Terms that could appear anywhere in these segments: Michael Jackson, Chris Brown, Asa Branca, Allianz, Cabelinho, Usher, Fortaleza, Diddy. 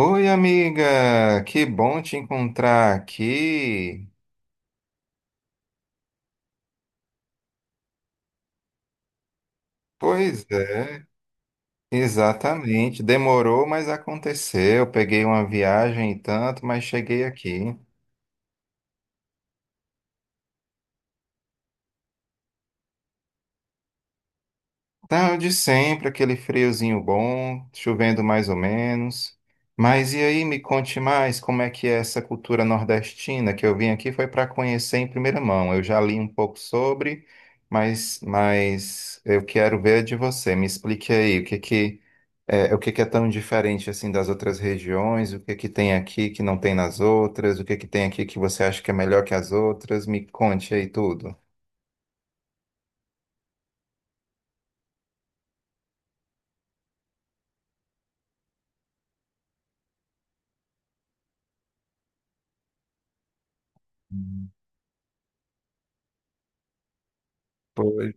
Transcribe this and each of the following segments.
Oi, amiga, que bom te encontrar aqui. Pois é, exatamente. Demorou, mas aconteceu. Peguei uma viagem e tanto, mas cheguei aqui. Tá de sempre, aquele friozinho bom, chovendo mais ou menos. Mas e aí, me conte mais como é que é essa cultura nordestina que eu vim aqui foi para conhecer em primeira mão. Eu já li um pouco sobre, mas eu quero ver de você. Me explique aí o que que é, o que que é tão diferente assim das outras regiões, o que que tem aqui que não tem nas outras, o que que tem aqui que você acha que é melhor que as outras. Me conte aí tudo. Pois.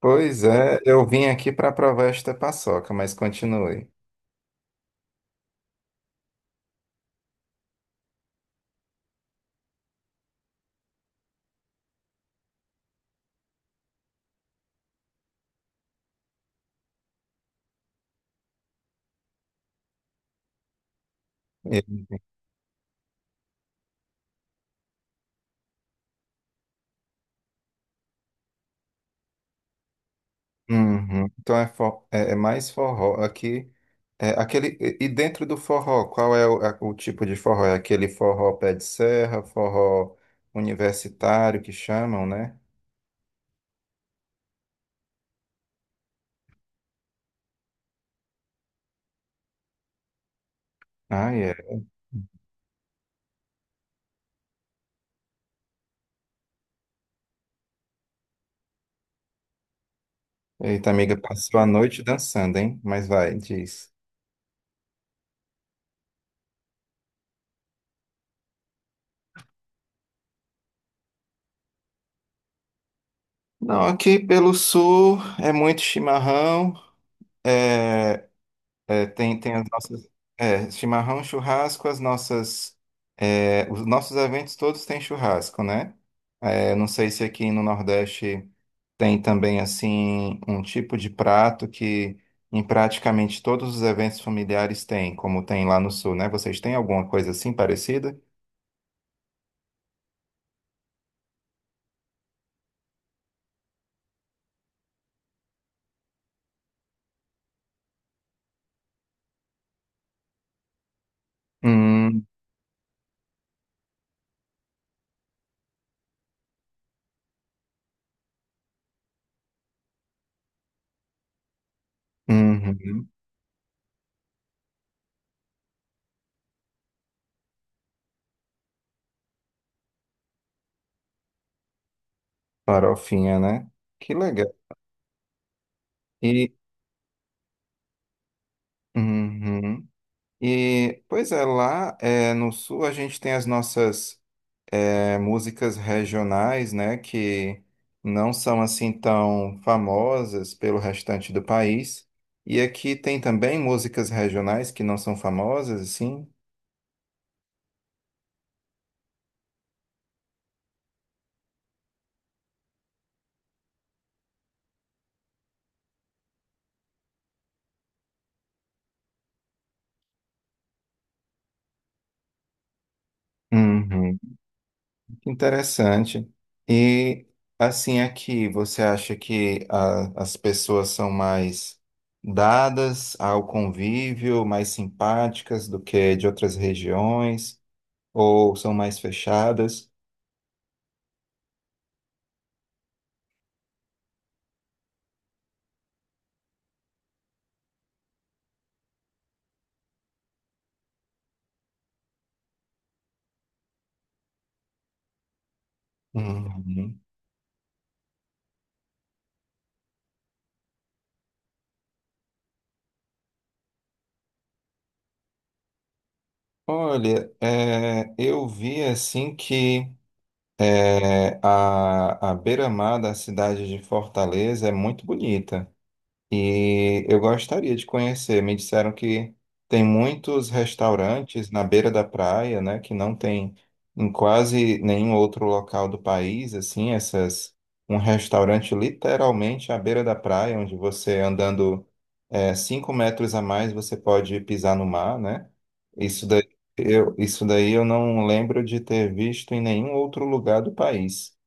Pois é, eu vim aqui para provar esta paçoca, mas continue. E- Uhum. Então é mais forró aqui. É aquele, e dentro do forró, qual é o tipo de forró? É aquele forró pé de serra, forró universitário que chamam, né? Ah, é. Eita, amiga, passou a noite dançando, hein? Mas vai, diz. Não, aqui pelo sul é muito chimarrão. É... É, tem as nossas. É, chimarrão, churrasco, as nossas. É, os nossos eventos todos têm churrasco, né? É, não sei se aqui no Nordeste tem também, assim, um tipo de prato que em praticamente todos os eventos familiares tem, como tem lá no Sul, né? Vocês têm alguma coisa assim parecida? Hum, uhum. Farofinha, né? Que legal. E. Uhum. E, pois é, lá no sul a gente tem as nossas músicas regionais, né, que não são assim tão famosas pelo restante do país. E aqui tem também músicas regionais que não são famosas, assim. Uhum. Interessante. E assim aqui, você acha que as pessoas são mais dadas ao convívio, mais simpáticas do que de outras regiões, ou são mais fechadas? Uhum. Olha, é, eu vi assim que a beira-mar da cidade de Fortaleza é muito bonita. E eu gostaria de conhecer. Me disseram que tem muitos restaurantes na beira da praia, né, que não tem em quase nenhum outro local do país, assim, essas, um restaurante literalmente à beira da praia, onde você andando cinco metros a mais você pode pisar no mar, né? Isso daí isso daí eu não lembro de ter visto em nenhum outro lugar do país.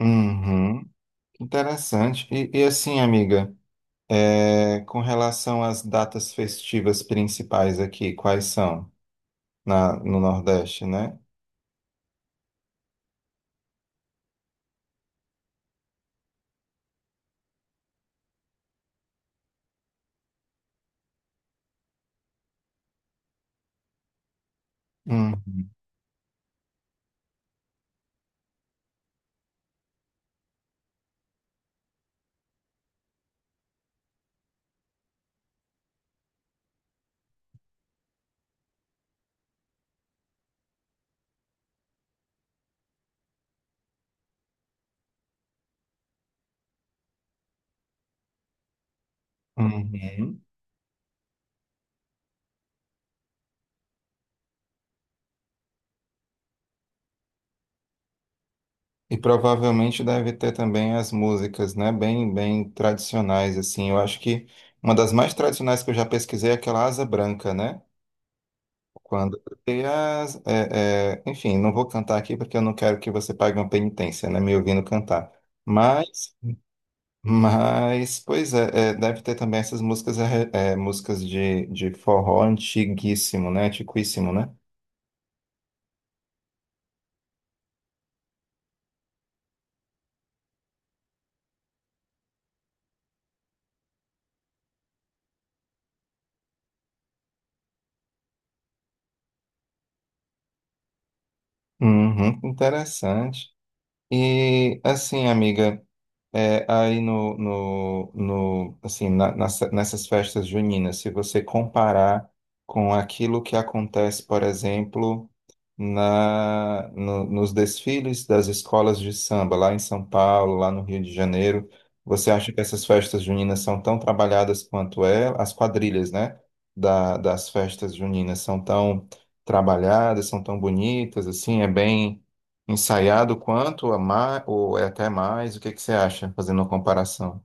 Uhum, interessante. E assim, amiga. É, com relação às datas festivas principais aqui, quais são no Nordeste, né? Uhum. Uhum. E provavelmente deve ter também as músicas, né? Bem, bem tradicionais, assim. Eu acho que uma das mais tradicionais que eu já pesquisei é aquela Asa Branca, né? Quando tem as, enfim, não vou cantar aqui porque eu não quero que você pague uma penitência, né? Me ouvindo cantar. Mas Mas, pois é, é, deve ter também essas músicas, músicas de forró antiguíssimo, né? Antiquíssimo, né? Uhum, interessante. E, assim, amiga. É, aí no assim, nessas festas juninas, se você comparar com aquilo que acontece, por exemplo, na, no- nos desfiles das escolas de samba, lá em São Paulo, lá no Rio de Janeiro, você acha que essas festas juninas são tão trabalhadas quanto é? As quadrilhas, né, das festas juninas são tão trabalhadas, são tão bonitas, assim, é bem ensaiado quanto a mais, ou é até mais, o que que você acha, fazendo uma comparação?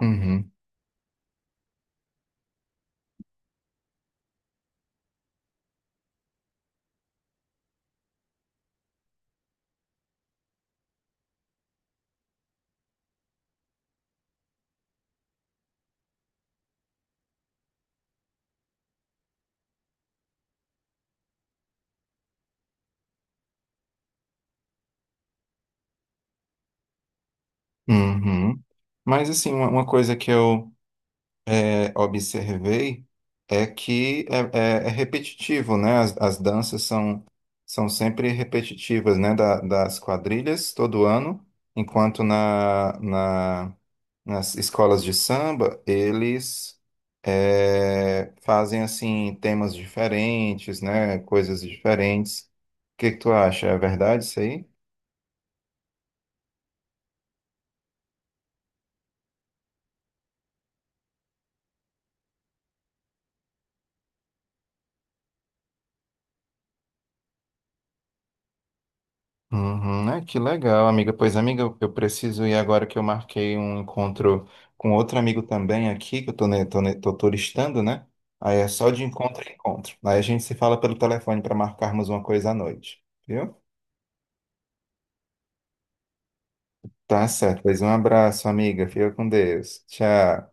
Uhum, uhum. Mas assim, uma coisa que eu observei é que é, é repetitivo, né? As danças são, são sempre repetitivas, né? Das quadrilhas todo ano, enquanto nas escolas de samba eles fazem assim temas diferentes, né? Coisas diferentes. O que que tu acha? É verdade isso aí? Uhum, é, que legal, amiga. Pois, amiga, eu preciso ir agora que eu marquei um encontro com outro amigo também aqui, que eu tô turistando, né? Aí é só de encontro em encontro. Aí a gente se fala pelo telefone para marcarmos uma coisa à noite, viu? Tá certo. Pois um abraço, amiga. Fica com Deus. Tchau.